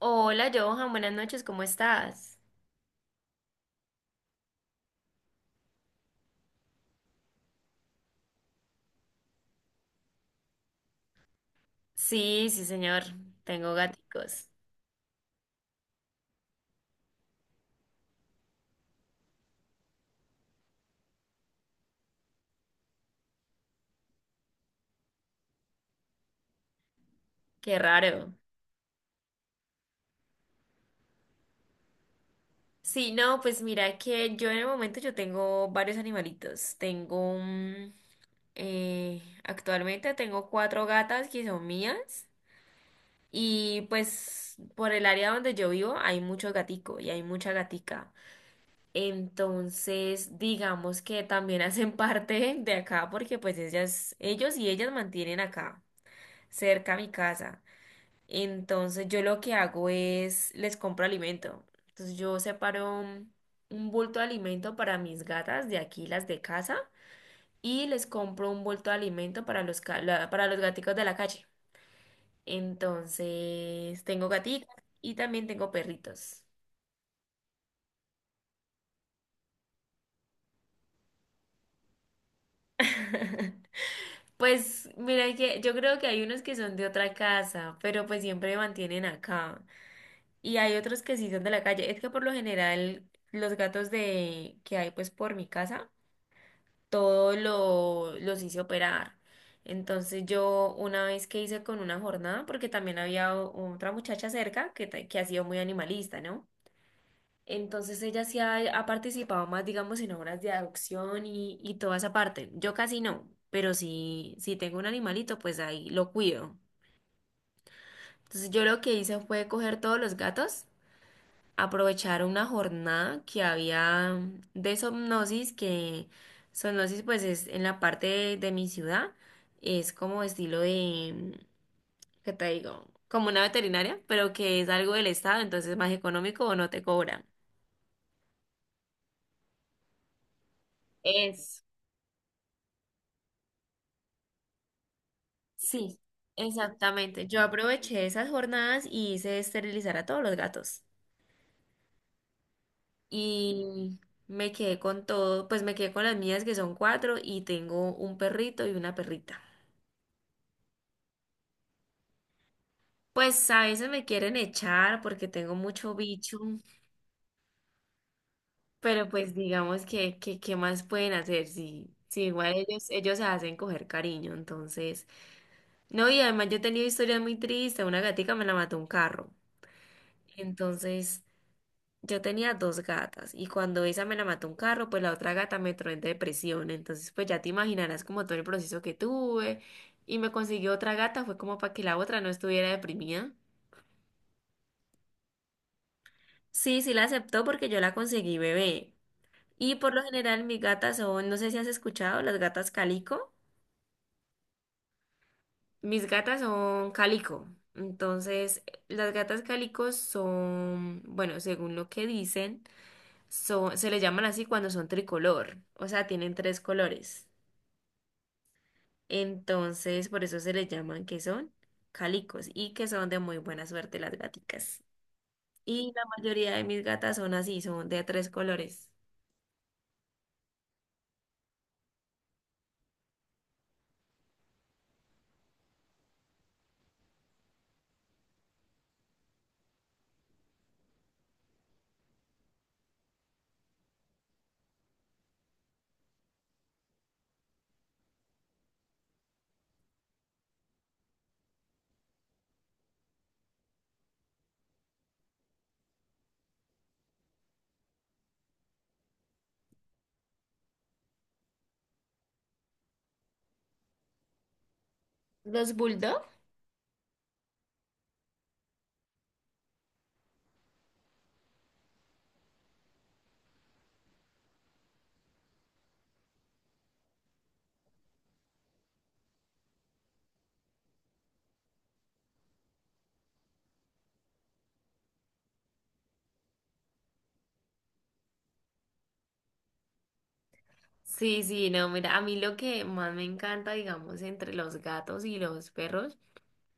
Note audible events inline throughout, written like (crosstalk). Hola Johan, buenas noches, ¿cómo estás? Sí, sí señor, tengo gaticos, qué raro. Sí, no, pues mira que yo en el momento yo tengo varios animalitos, actualmente tengo cuatro gatas que son mías y pues por el área donde yo vivo hay mucho gatico y hay mucha gatica. Entonces, digamos que también (laughs) hacen parte de acá porque pues ellas, ellos y ellas mantienen acá, cerca a mi casa. Entonces yo lo que hago es les compro alimento. Entonces yo separo un bulto de alimento para mis gatas de aquí, las de casa, y les compro un bulto de alimento para los, para los gaticos de la calle. Entonces tengo gatitos y también tengo perritos. (laughs) Pues mira que yo creo que hay unos que son de otra casa, pero pues siempre me mantienen acá. Y hay otros que sí son de la calle. Es que por lo general los gatos de que hay pues por mi casa todo lo, los hice operar. Entonces yo una vez que hice con una jornada, porque también había otra muchacha cerca que, que ha sido muy animalista, ¿no? Entonces ella sí ha, ha participado más, digamos, en obras de adopción y toda esa parte. Yo casi no, pero si, si tengo un animalito, pues ahí lo cuido. Entonces yo lo que hice fue coger todos los gatos, aprovechar una jornada que había de somnosis, que somnosis pues es en la parte de mi ciudad, es como estilo de, ¿qué te digo? Como una veterinaria, pero que es algo del estado, entonces es más económico o no te cobran. Es. Sí, exactamente. Yo aproveché esas jornadas y hice esterilizar a todos los gatos. Y me quedé con todo, pues me quedé con las mías que son cuatro y tengo un perrito y una perrita. Pues a veces me quieren echar porque tengo mucho bicho, pero pues digamos que ¿qué más pueden hacer? Si, si igual ellos, ellos se hacen coger cariño, entonces. No, y además yo he tenido historias muy tristes. Una gatica me la mató un carro. Entonces, yo tenía dos gatas y cuando esa me la mató un carro, pues la otra gata me entró en depresión. Entonces, pues ya te imaginarás como todo el proceso que tuve y me consiguió otra gata, fue como para que la otra no estuviera deprimida. Sí, sí la aceptó porque yo la conseguí bebé. Y por lo general mis gatas son, no sé si has escuchado, las gatas calico. Mis gatas son calico. Entonces, las gatas calicos son, bueno, según lo que dicen, son, se les llaman así cuando son tricolor, o sea, tienen tres colores. Entonces, por eso se les llaman que son calicos y que son de muy buena suerte las gaticas. Y la mayoría de mis gatas son así, son de tres colores. Los bulldogs. Sí, sí, no, mira, a mí lo que más me encanta, digamos, entre los gatos y los perros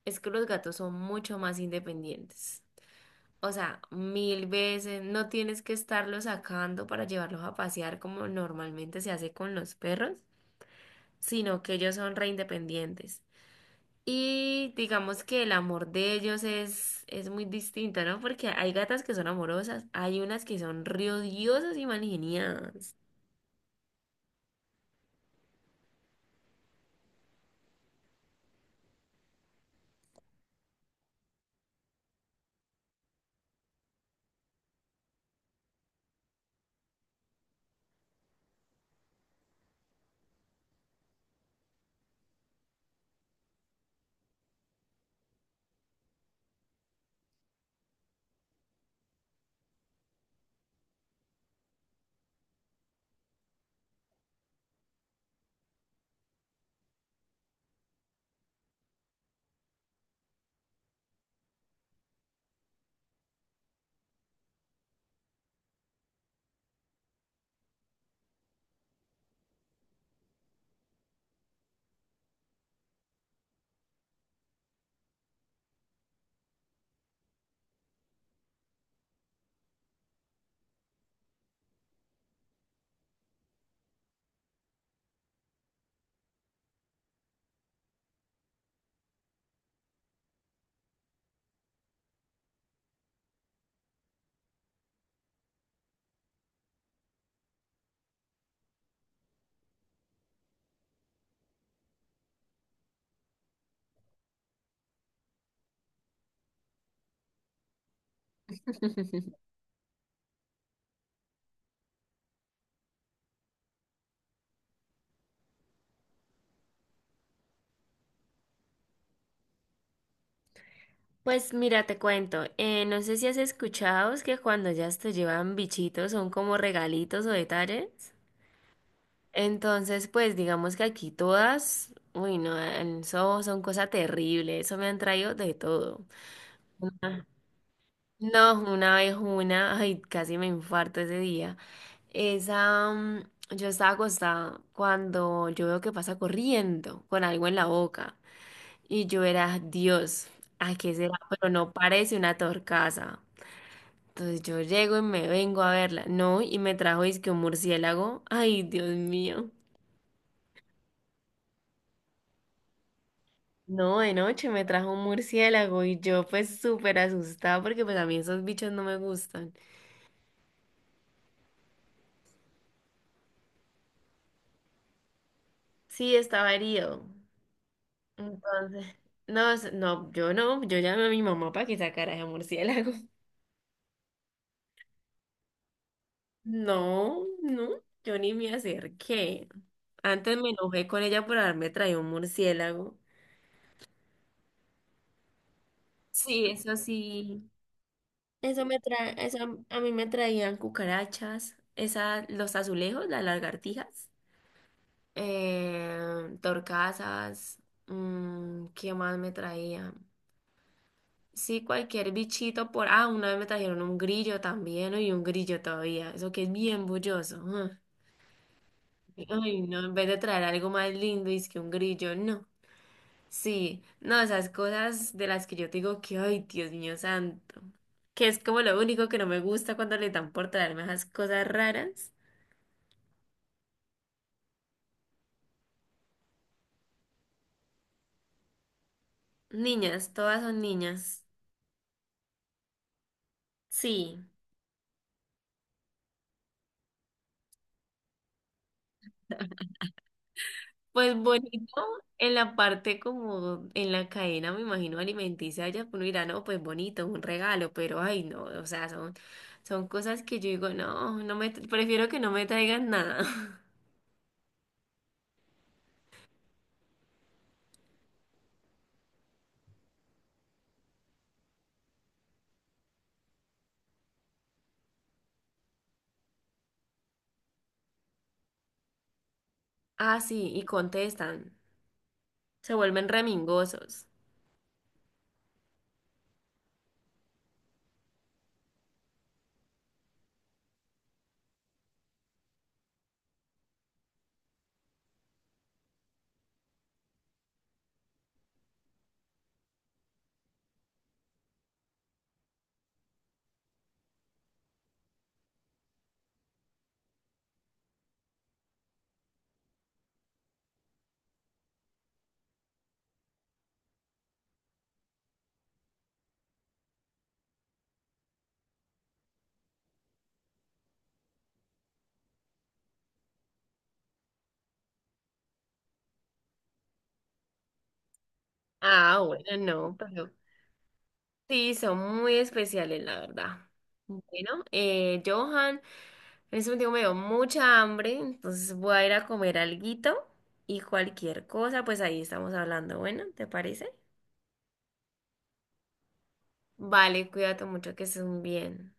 es que los gatos son mucho más independientes. O sea, mil veces no tienes que estarlos sacando para llevarlos a pasear como normalmente se hace con los perros, sino que ellos son re independientes. Y digamos que el amor de ellos es muy distinto, ¿no? Porque hay gatas que son amorosas, hay unas que son riodiosas y mangeniadas. (laughs) Pues mira, te cuento, no sé si has escuchado es que cuando ya te llevan bichitos son como regalitos o detalles. Entonces, pues digamos que aquí todas, uy, no, eso son cosas terribles, eso me han traído de todo. Ah. No, una vez una, ay, casi me infarto ese día. Esa, mm, yo estaba acostada cuando yo veo que pasa corriendo con algo en la boca y yo era, Dios, ¿a qué será? Pero no parece una torcaza. Entonces yo llego y me vengo a verla. No, y me trajo que un murciélago. Ay, Dios mío. No, de noche me trajo un murciélago y yo pues súper asustada porque pues a mí esos bichos no me gustan. Sí, estaba herido. Entonces, no, yo no, yo llamé a mi mamá para que sacara ese murciélago. (laughs) No, no, yo ni me acerqué. Antes me enojé con ella por haberme traído un murciélago. Sí. Eso me trae, eso a mí me traían cucarachas, esa, los azulejos, las lagartijas, torcasas, mm, ¿qué más me traían? Sí, cualquier bichito por... Ah, una vez me trajeron un grillo también, y un grillo todavía, eso que es bien bulloso. Ah. Ay, no, en vez de traer algo más lindo, es que un grillo, no. Sí, no, esas cosas de las que yo te digo que, ay, Dios mío santo, que es como lo único que no me gusta cuando le dan por traerme esas cosas raras. Niñas, todas son niñas. Sí, pues bonito en la parte como en la cadena, me imagino, alimenticia, ya uno dirá, no, pues bonito, un regalo, pero ay, no, o sea, son, son cosas que yo digo, no, no me, prefiero que no me traigan nada. (laughs) Ah, sí, y contestan, se vuelven remingosos. Ah, bueno, no, pero sí, son muy especiales, la verdad. Bueno, Johan, en este momento me dio mucha hambre, entonces voy a ir a comer alguito y cualquier cosa, pues ahí estamos hablando. Bueno, ¿te parece? Vale, cuídate mucho, que estés muy bien.